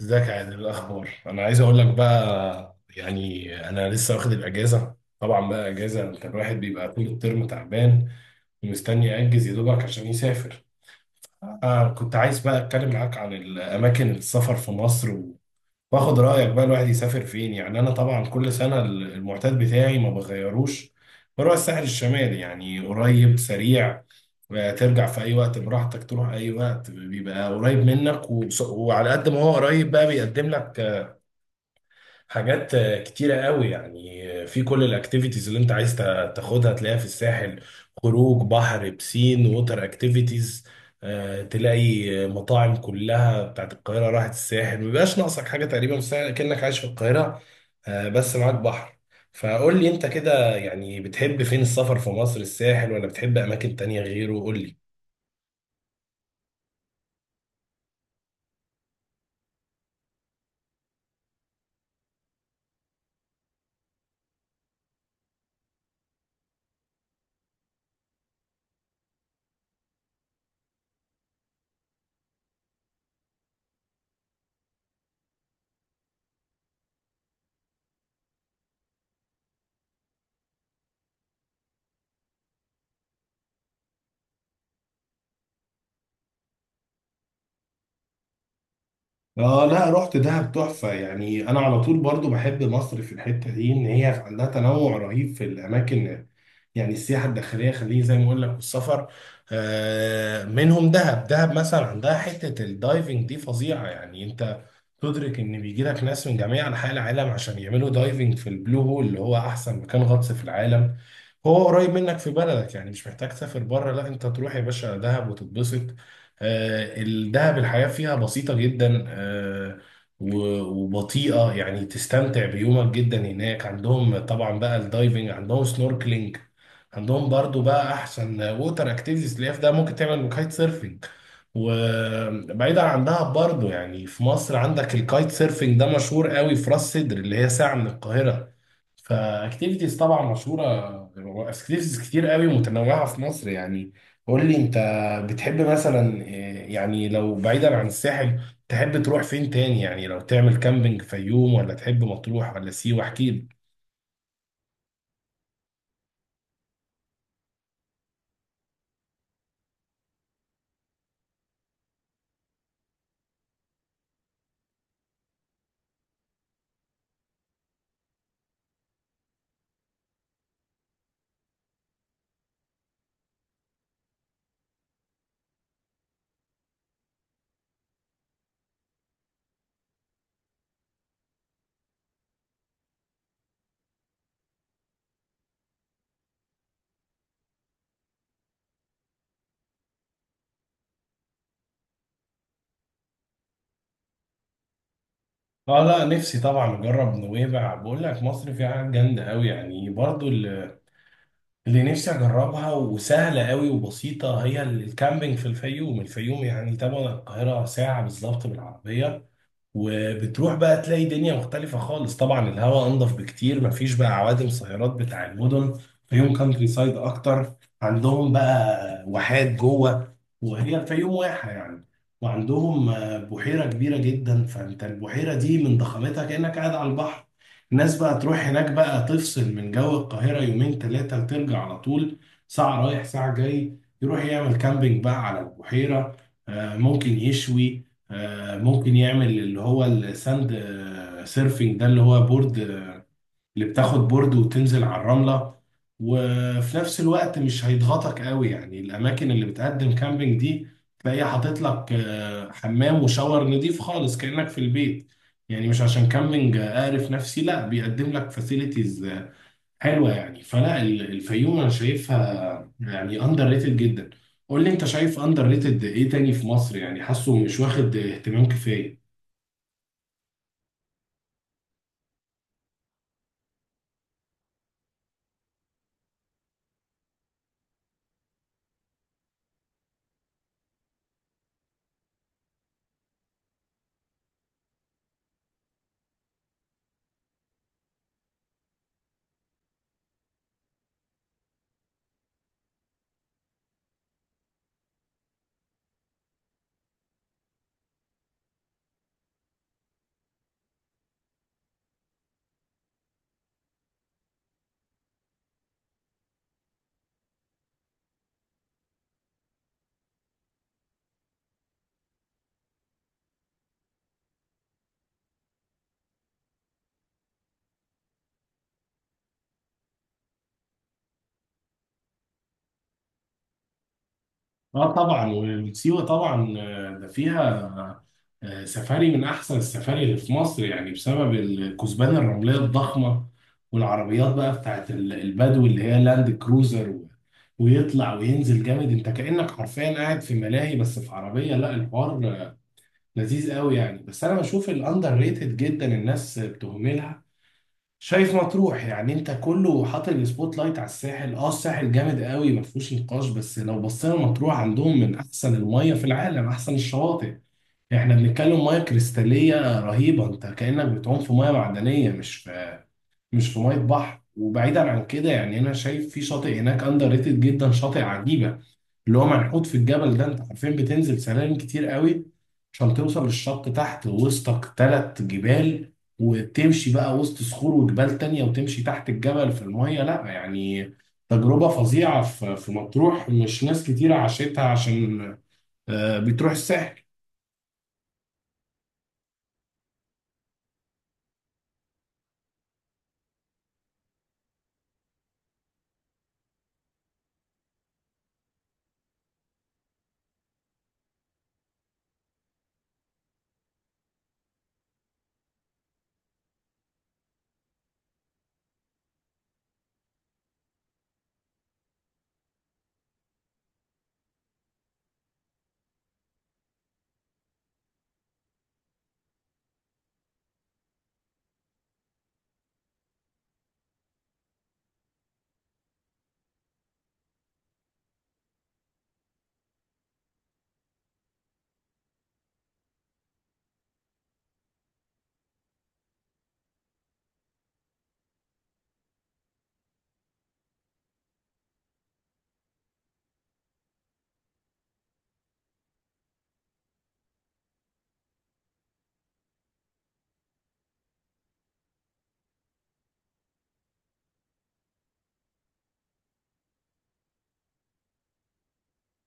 ازيك يا عادل؟ إيه الاخبار؟ انا عايز اقول لك بقى، يعني انا لسه واخد الاجازه. طبعا بقى اجازه، انت الواحد بيبقى طول الترم تعبان ومستني ياجز يا دوبك عشان يسافر. كنت عايز بقى اتكلم معاك عن الاماكن السفر في مصر، واخد رأيك بقى الواحد يسافر فين. يعني انا طبعا كل سنة المعتاد بتاعي ما بغيروش، بروح الساحل الشمالي، يعني قريب سريع. ترجع في اي وقت براحتك، تروح اي وقت، بيبقى قريب منك. وعلى قد ما هو قريب بقى، بيقدم لك حاجات كتيرة قوي. يعني في كل الاكتيفيتيز اللي انت عايز تاخدها، تلاقيها في الساحل. خروج بحر، بسين، ووتر اكتيفيتيز. تلاقي مطاعم كلها بتاعت القاهرة راحت الساحل، مبيبقاش ناقصك حاجة. تقريبا في الساحل كأنك عايش في القاهرة، بس معاك بحر. فقول لي انت كده، يعني بتحب فين السفر في مصر؟ الساحل ولا بتحب اماكن تانية غيره؟ قول لي. اه، لا رحت دهب تحفة. يعني انا على طول برضو بحب مصر في الحتة دي، ان هي عندها تنوع رهيب في الاماكن. يعني السياحة الداخلية خليه زي ما اقول لك، والسفر. منهم دهب. دهب مثلا عندها حتة الدايفنج دي فظيعة، يعني انت تدرك ان بيجي لك ناس من جميع انحاء العالم عشان يعملوا دايفنج في البلو هول، اللي هو احسن مكان غطس في العالم. هو قريب منك في بلدك، يعني مش محتاج تسافر بره. لا انت تروح يا باشا دهب وتتبسط. الدهب الحياة فيها بسيطة جدا، وبطيئة. يعني تستمتع بيومك جدا هناك. عندهم طبعا بقى الدايفنج، عندهم سنوركلينج، عندهم برضو بقى احسن ووتر اكتيفيتيز. اللي هي في ده ممكن تعمل كايت سيرفنج. وبعيدا، عندها برضو، يعني في مصر عندك الكايت سيرفينج ده مشهور قوي في راس سدر، اللي هي ساعة من القاهرة. فاكتيفيتيز طبعا مشهورة، اكتيفيتيز كتير قوي متنوعة في مصر يعني. قول لي انت بتحب مثلا إيه، يعني لو بعيدا عن الساحل تحب تروح فين تاني؟ يعني لو تعمل كامبينج في يوم، ولا تحب مطروح، ولا سيوة؟ احكي لي. اه لا، نفسي طبعا اجرب نويبع. بقول لك مصر فيها حاجات جامده قوي، يعني برضو اللي نفسي اجربها وسهله قوي وبسيطه هي الكامبينج في الفيوم. الفيوم يعني تبعد عن القاهره ساعه بالظبط بالعربيه، وبتروح بقى تلاقي دنيا مختلفة خالص. طبعا الهواء انضف بكتير، مفيش بقى عوادم سيارات بتاع المدن. فيهم كانتري سايد اكتر، عندهم بقى واحات جوه، وهي الفيوم واحة يعني. وعندهم بحيرة كبيرة جدا، فانت البحيرة دي من ضخامتها كأنك قاعد على البحر. الناس بقى تروح هناك بقى تفصل من جو القاهرة يومين ثلاثة وترجع على طول. ساعة رايح ساعة جاي، يروح يعمل كامبينج بقى على البحيرة. ممكن يشوي، ممكن يعمل اللي هو الساند سيرفينج ده، اللي هو بورد اللي بتاخد بورد وتنزل على الرملة. وفي نفس الوقت مش هيضغطك قوي، يعني الأماكن اللي بتقدم كامبينج دي تلاقيها حاطط لك حمام وشاور نضيف خالص كأنك في البيت. يعني مش عشان كامبينج أعرف نفسي، لا، بيقدم لك فاسيلتيز حلوه يعني. فلا الفيوم انا شايفها يعني اندر ريتد جدا. قول لي انت شايف اندر ريتد ايه تاني في مصر، يعني حاسه مش واخد اهتمام كفايه؟ اه طبعا، وسيوه طبعا ده فيها سفاري من احسن السفاري اللي في مصر، يعني بسبب الكثبان الرمليه الضخمه. والعربيات بقى بتاعت البدو، اللي هي لاند كروزر، ويطلع وينزل جامد. انت كأنك حرفيا قاعد في ملاهي، بس في عربيه. لا الحوار لذيذ قوي يعني. بس انا بشوف الاندر ريتد جدا الناس بتهملها. شايف مطروح؟ يعني انت كله حاطط السبوت لايت على الساحل. اه الساحل جامد قوي، ما فيهوش نقاش، بس لو بصينا مطروح عندهم من احسن الميه في العالم، احسن الشواطئ. احنا بنتكلم ميه كريستاليه رهيبه، انت كانك بتعوم في ميه معدنيه، مش في ميه بحر. وبعيدا عن كده، يعني انا شايف في شاطئ هناك اندر ريتد جدا، شاطئ عجيبه اللي هو منحوت في الجبل ده. انت حرفيا بتنزل سلالم كتير قوي عشان توصل للشط تحت، وسطك تلات جبال، وتمشي بقى وسط صخور وجبال تانية، وتمشي تحت الجبل في المية. لا يعني تجربة فظيعة في مطروح، مش ناس كتير عاشتها عشان بتروح الساحل.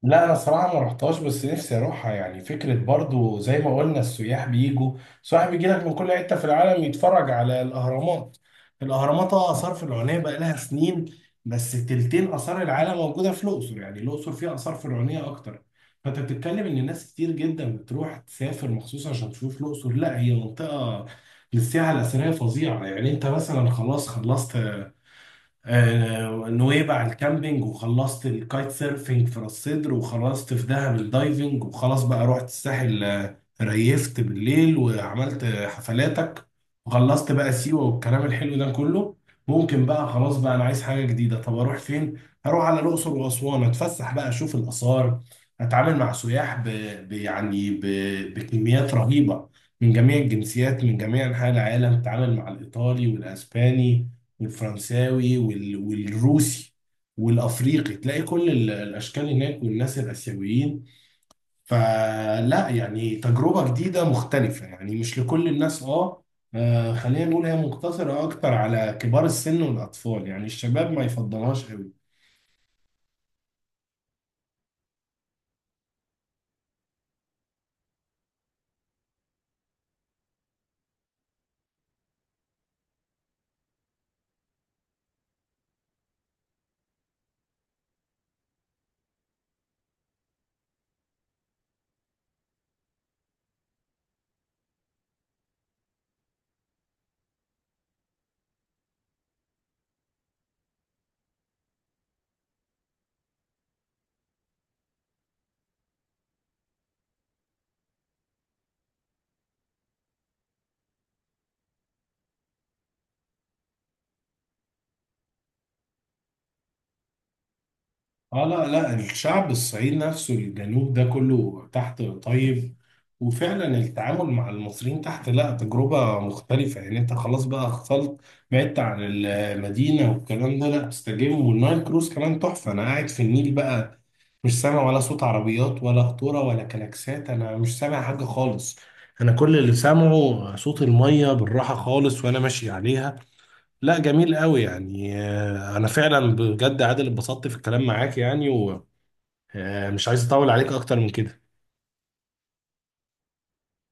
لا انا صراحه ما رحتهاش، بس نفسي اروحها، يعني فكره برضو زي ما قلنا السياح بيجوا. السياح بيجي لك من كل حته في العالم يتفرج على الاهرامات. الاهرامات اه اثار فرعونيه بقى لها سنين، بس تلتين اثار العالم موجوده في الاقصر، يعني الاقصر فيها اثار فرعونيه اكتر. فانت بتتكلم ان ناس كتير جدا بتروح تسافر مخصوص عشان تشوف الاقصر. لا هي منطقه للسياحه الاثريه فظيعه يعني. انت مثلا خلاص خلصت نويبع الكامبينج، وخلصت الكايت سيرفينج في راس سدر، وخلصت في دهب الدايفنج، وخلاص بقى رحت الساحل ريفت بالليل وعملت حفلاتك، وخلصت بقى سيوة والكلام الحلو ده كله. ممكن بقى خلاص بقى انا عايز حاجة جديدة، طب اروح فين؟ هروح على الأقصر وأسوان، اتفسح بقى اشوف الآثار، اتعامل مع سياح ب... يعني ب... بكميات رهيبة، من جميع الجنسيات من جميع أنحاء العالم. اتعامل مع الإيطالي والأسباني والفرنساوي والروسي والافريقي، تلاقي كل الاشكال هناك، والناس الاسيويين. فلا يعني تجربه جديده مختلفه، يعني مش لكل الناس. اه خلينا نقول هي مقتصره اكتر على كبار السن والاطفال، يعني الشباب ما يفضلهاش قوي. اه لا لا، الشعب الصعيد نفسه، الجنوب ده كله تحت طيب، وفعلا التعامل مع المصريين تحت لا تجربة مختلفة. يعني انت خلاص بقى خلط، بعدت عن المدينة والكلام ده، لا تستجم. والنايل كروز كمان تحفة، انا قاعد في النيل بقى مش سامع ولا صوت عربيات ولا قطورة ولا كلاكسات، انا مش سامع حاجة خالص. انا كل اللي سامعه صوت المية بالراحة خالص وانا ماشي عليها. لا جميل قوي يعني. انا فعلا بجد عادل اتبسطت في الكلام معاك يعني، ومش عايز اطول عليك اكتر من كده.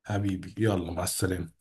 حبيبي يلا مع السلامة.